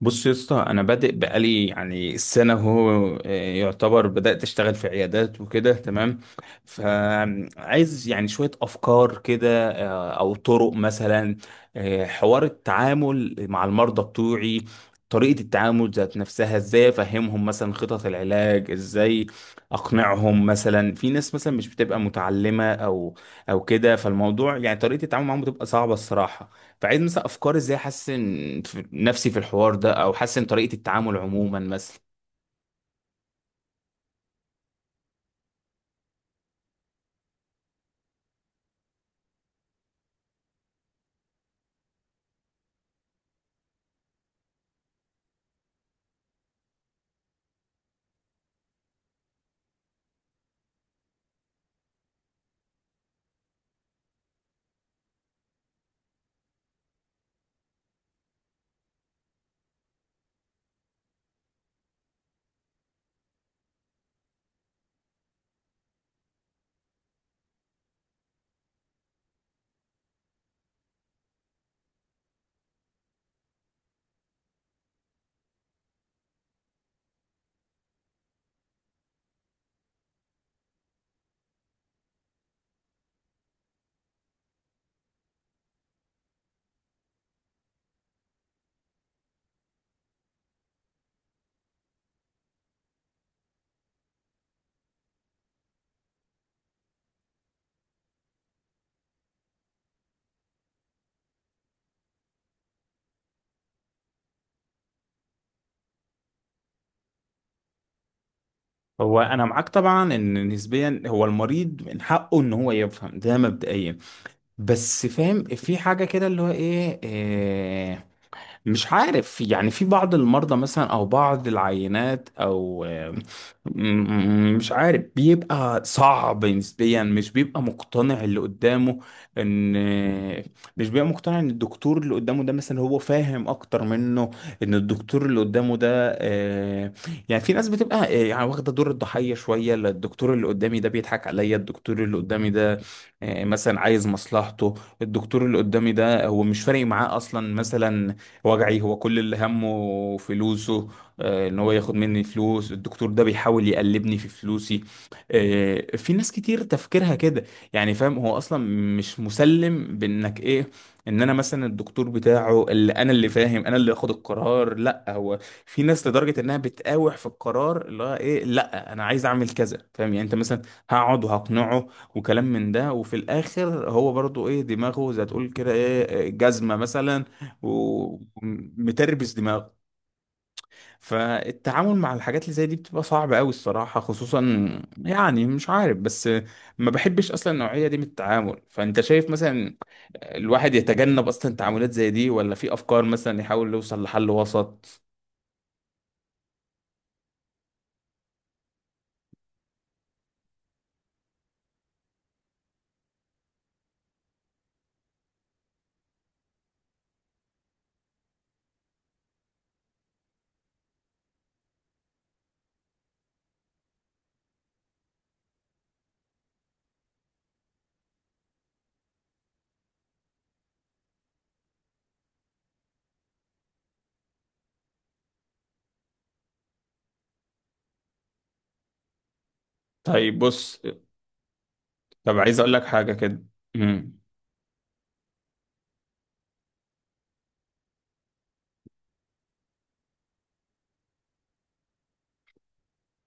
بص يا اسطى، انا بادئ بقالي يعني سنه. هو يعتبر بدات اشتغل في عيادات وكده، تمام. فعايز يعني شويه افكار كده، او طرق مثلا. حوار التعامل مع المرضى بتوعي، طريقه التعامل ذات نفسها، ازاي افهمهم مثلا خطط العلاج، ازاي اقنعهم مثلا. في ناس مثلا مش بتبقى متعلمه او كده، فالموضوع يعني طريقه التعامل معاهم بتبقى صعبه الصراحه. فعايز مثلا افكار ازاي احسن، نفسي في الحوار ده، او احسن طريقة التعامل عموما مثلا. هو انا معاك طبعا، ان نسبيا هو المريض من حقه ان هو يفهم ده مبدئيا، بس فاهم في حاجة كده اللي هو إيه، مش عارف، يعني في بعض المرضى مثلا او بعض العينات، او مش عارف، بيبقى صعب نسبيا، مش بيبقى مقتنع اللي قدامه ان، مش بيبقى مقتنع ان الدكتور اللي قدامه ده مثلا هو فاهم اكتر منه، ان الدكتور اللي قدامه ده آه، يعني في ناس بتبقى، يعني واخده دور الضحيه شويه، لا الدكتور اللي قدامي ده بيضحك عليا، الدكتور اللي قدامي ده، مثلا عايز مصلحته، الدكتور اللي قدامي ده هو مش فارق معاه اصلا مثلا وجعي، هو كل اللي همه فلوسه، ان هو ياخد مني فلوس، الدكتور ده بيحاول يقلبني في فلوسي، في ناس كتير تفكيرها كده. يعني فاهم، هو اصلا مش مسلم بانك ايه، ان انا مثلا الدكتور بتاعه، اللي انا اللي فاهم، انا اللي اخد القرار لا هو. في ناس لدرجة انها بتقاوح في القرار، اللي هو ايه، لا انا عايز اعمل كذا، فاهم يعني انت مثلا، هقعد وهقنعه وكلام من ده، وفي الاخر هو برضو ايه، دماغه زي تقول كده ايه، جزمة مثلا، ومتربس دماغه. فالتعامل مع الحاجات اللي زي دي بتبقى صعبة قوي الصراحة، خصوصا يعني مش عارف. بس ما بحبش اصلا النوعية دي من التعامل، فانت شايف مثلا الواحد يتجنب اصلا تعاملات زي دي، ولا في افكار مثلا يحاول يوصل لحل وسط؟ طيب بص، طب عايز اقول لك حاجة كده. مم.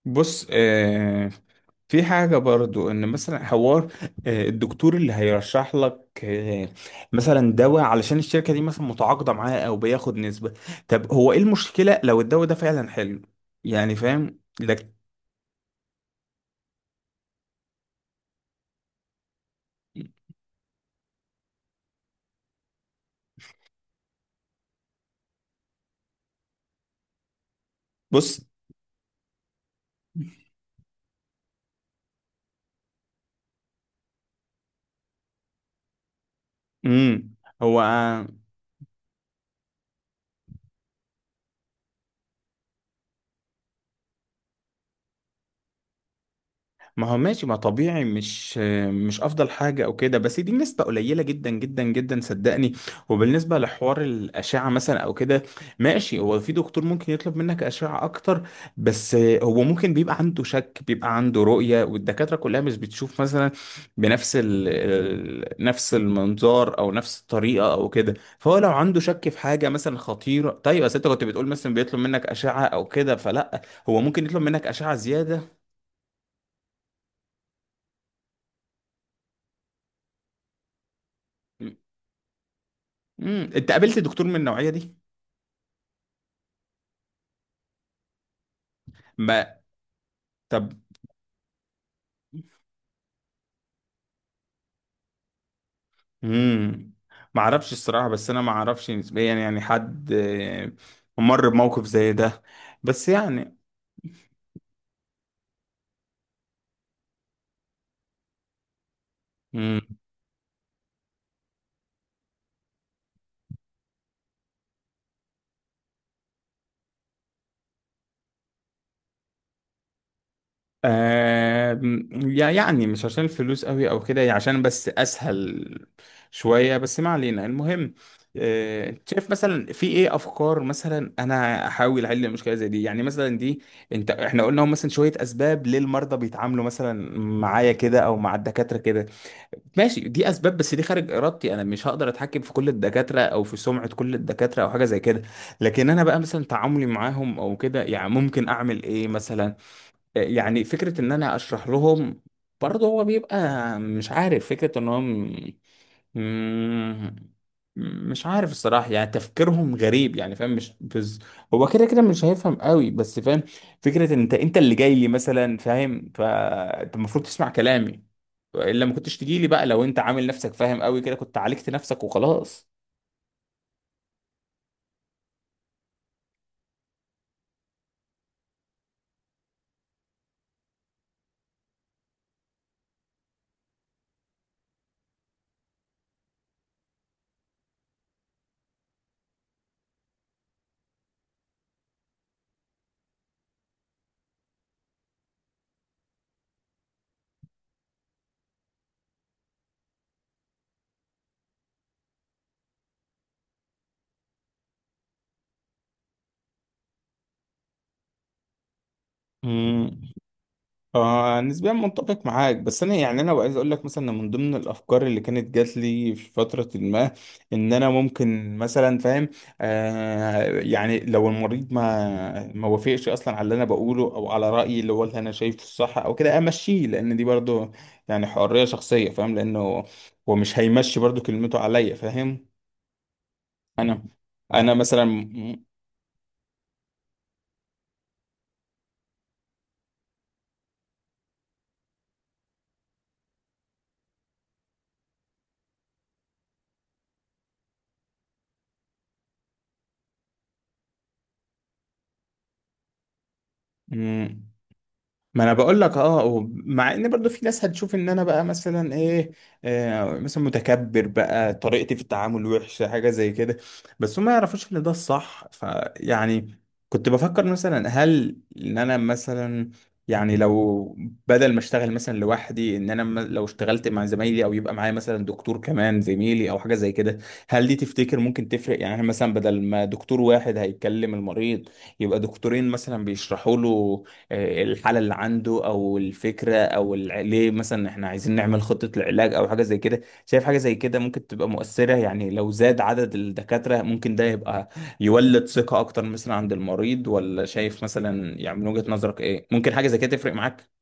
بص، في حاجة برضو، ان مثلا حوار، الدكتور اللي هيرشح لك، مثلا دواء علشان الشركة دي مثلا متعاقدة معاه او بياخد نسبة. طب هو ايه المشكلة لو الدواء ده فعلا حلو؟ يعني فاهم لك. بص، امم هو ما هو ماشي، ما طبيعي، مش افضل حاجه او كده، بس دي نسبه قليله جدا جدا جدا، صدقني. وبالنسبه لحوار الاشعه مثلا او كده، ماشي، هو في دكتور ممكن يطلب منك اشعه اكتر، بس هو ممكن بيبقى عنده شك، بيبقى عنده رؤيه، والدكاتره كلها مش بتشوف مثلا بنفس نفس المنظار، او نفس الطريقه او كده. فهو لو عنده شك في حاجه مثلا خطيره، طيب، بس انت كنت بتقول مثلا بيطلب منك اشعه او كده، فلا، هو ممكن يطلب منك اشعه زياده. انت قابلت دكتور من النوعيه دي؟ ما طب، امم ما اعرفش الصراحه. بس انا ما اعرفش نسبيا، يعني حد مر بموقف زي ده. بس يعني امم آه يعني مش عشان الفلوس قوي او كده، يعني عشان بس اسهل شويه. بس ما علينا، المهم، انت شايف مثلا في ايه افكار مثلا انا احاول احل المشكله زي دي؟ يعني مثلا دي، انت احنا قلنا هم مثلا شويه اسباب ليه المرضى بيتعاملوا مثلا معايا كده او مع الدكاتره كده. ماشي دي اسباب، بس دي خارج ارادتي، انا مش هقدر اتحكم في كل الدكاتره او في سمعه كل الدكاتره او حاجه زي كده. لكن انا بقى مثلا تعاملي معاهم او كده، يعني ممكن اعمل ايه مثلا؟ يعني فكره ان انا اشرح لهم، برضه هو بيبقى مش عارف، فكره ان هم، مم، مش عارف الصراحة، يعني تفكيرهم غريب يعني فاهم، مش هو كده كده مش هيفهم قوي، بس فاهم فكرة ان انت اللي جاي لي مثلا، فاهم؟ فانت المفروض تسمع كلامي، الا ما كنتش تجي لي بقى، لو انت عامل نفسك فاهم قوي كده كنت عالجت نفسك وخلاص. نسبيا متفق معاك، بس انا يعني انا عايز اقول لك مثلا إن من ضمن الافكار اللي كانت جات لي في فتره ما، ان انا ممكن مثلا فاهم، يعني لو المريض ما وافقش اصلا على اللي انا بقوله او على رايي اللي هو اللي انا شايفه الصح او كده، امشيه، لان دي برضو يعني حريه شخصيه فاهم، لانه هو مش هيمشي برضو كلمته عليا، فاهم؟ انا انا مثلا، ما انا بقول لك اه، مع ان برضو في ناس هتشوف ان انا بقى مثلا ايه، مثلا متكبر بقى، طريقتي في التعامل وحشه، حاجه زي كده. بس هم ما يعرفوش ان ده الصح، فيعني كنت بفكر مثلا، هل ان انا مثلا يعني، لو بدل ما اشتغل مثلا لوحدي، ان انا لو اشتغلت مع زمايلي، او يبقى معايا مثلا دكتور كمان زميلي او حاجه زي كده، هل دي تفتكر ممكن تفرق؟ يعني إحنا مثلا بدل ما دكتور واحد هيتكلم المريض، يبقى دكتورين مثلا بيشرحوا له الحالة اللي عنده، أو الفكرة، أو ليه مثلا إحنا عايزين نعمل خطة العلاج، أو حاجة زي كده. شايف حاجة زي كده ممكن تبقى مؤثرة؟ يعني لو زاد عدد الدكاترة ممكن ده يبقى يولد ثقة أكتر مثلا عند المريض، ولا شايف مثلا يعني من وجهة نظرك إيه؟ ممكن حاجة زي كده تفرق معاك؟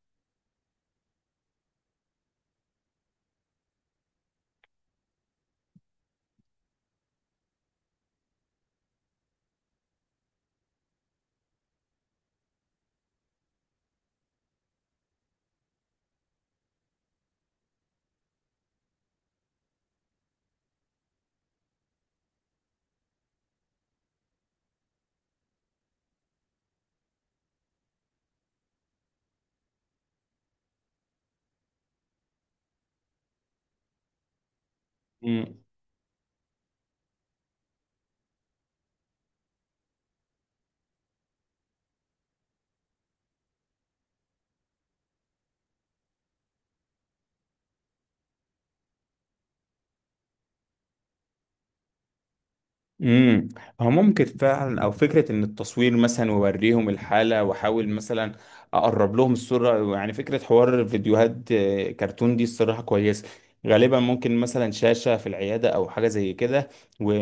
امم. هو ممكن فعلا، او فكره ان التصوير مثلا، ووريهم الحاله، واحاول مثلا اقرب لهم الصوره، يعني فكره حوار فيديوهات كرتون، دي الصراحه كويسه. غالبا ممكن مثلا شاشه في العياده او حاجه زي كده، و-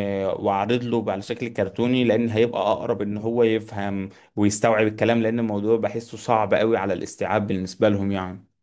واعرض له على شكل كرتوني، لان هيبقى اقرب ان هو يفهم ويستوعب الكلام، لان الموضوع بحسه صعب قوي على الاستيعاب بالنسبه لهم يعني.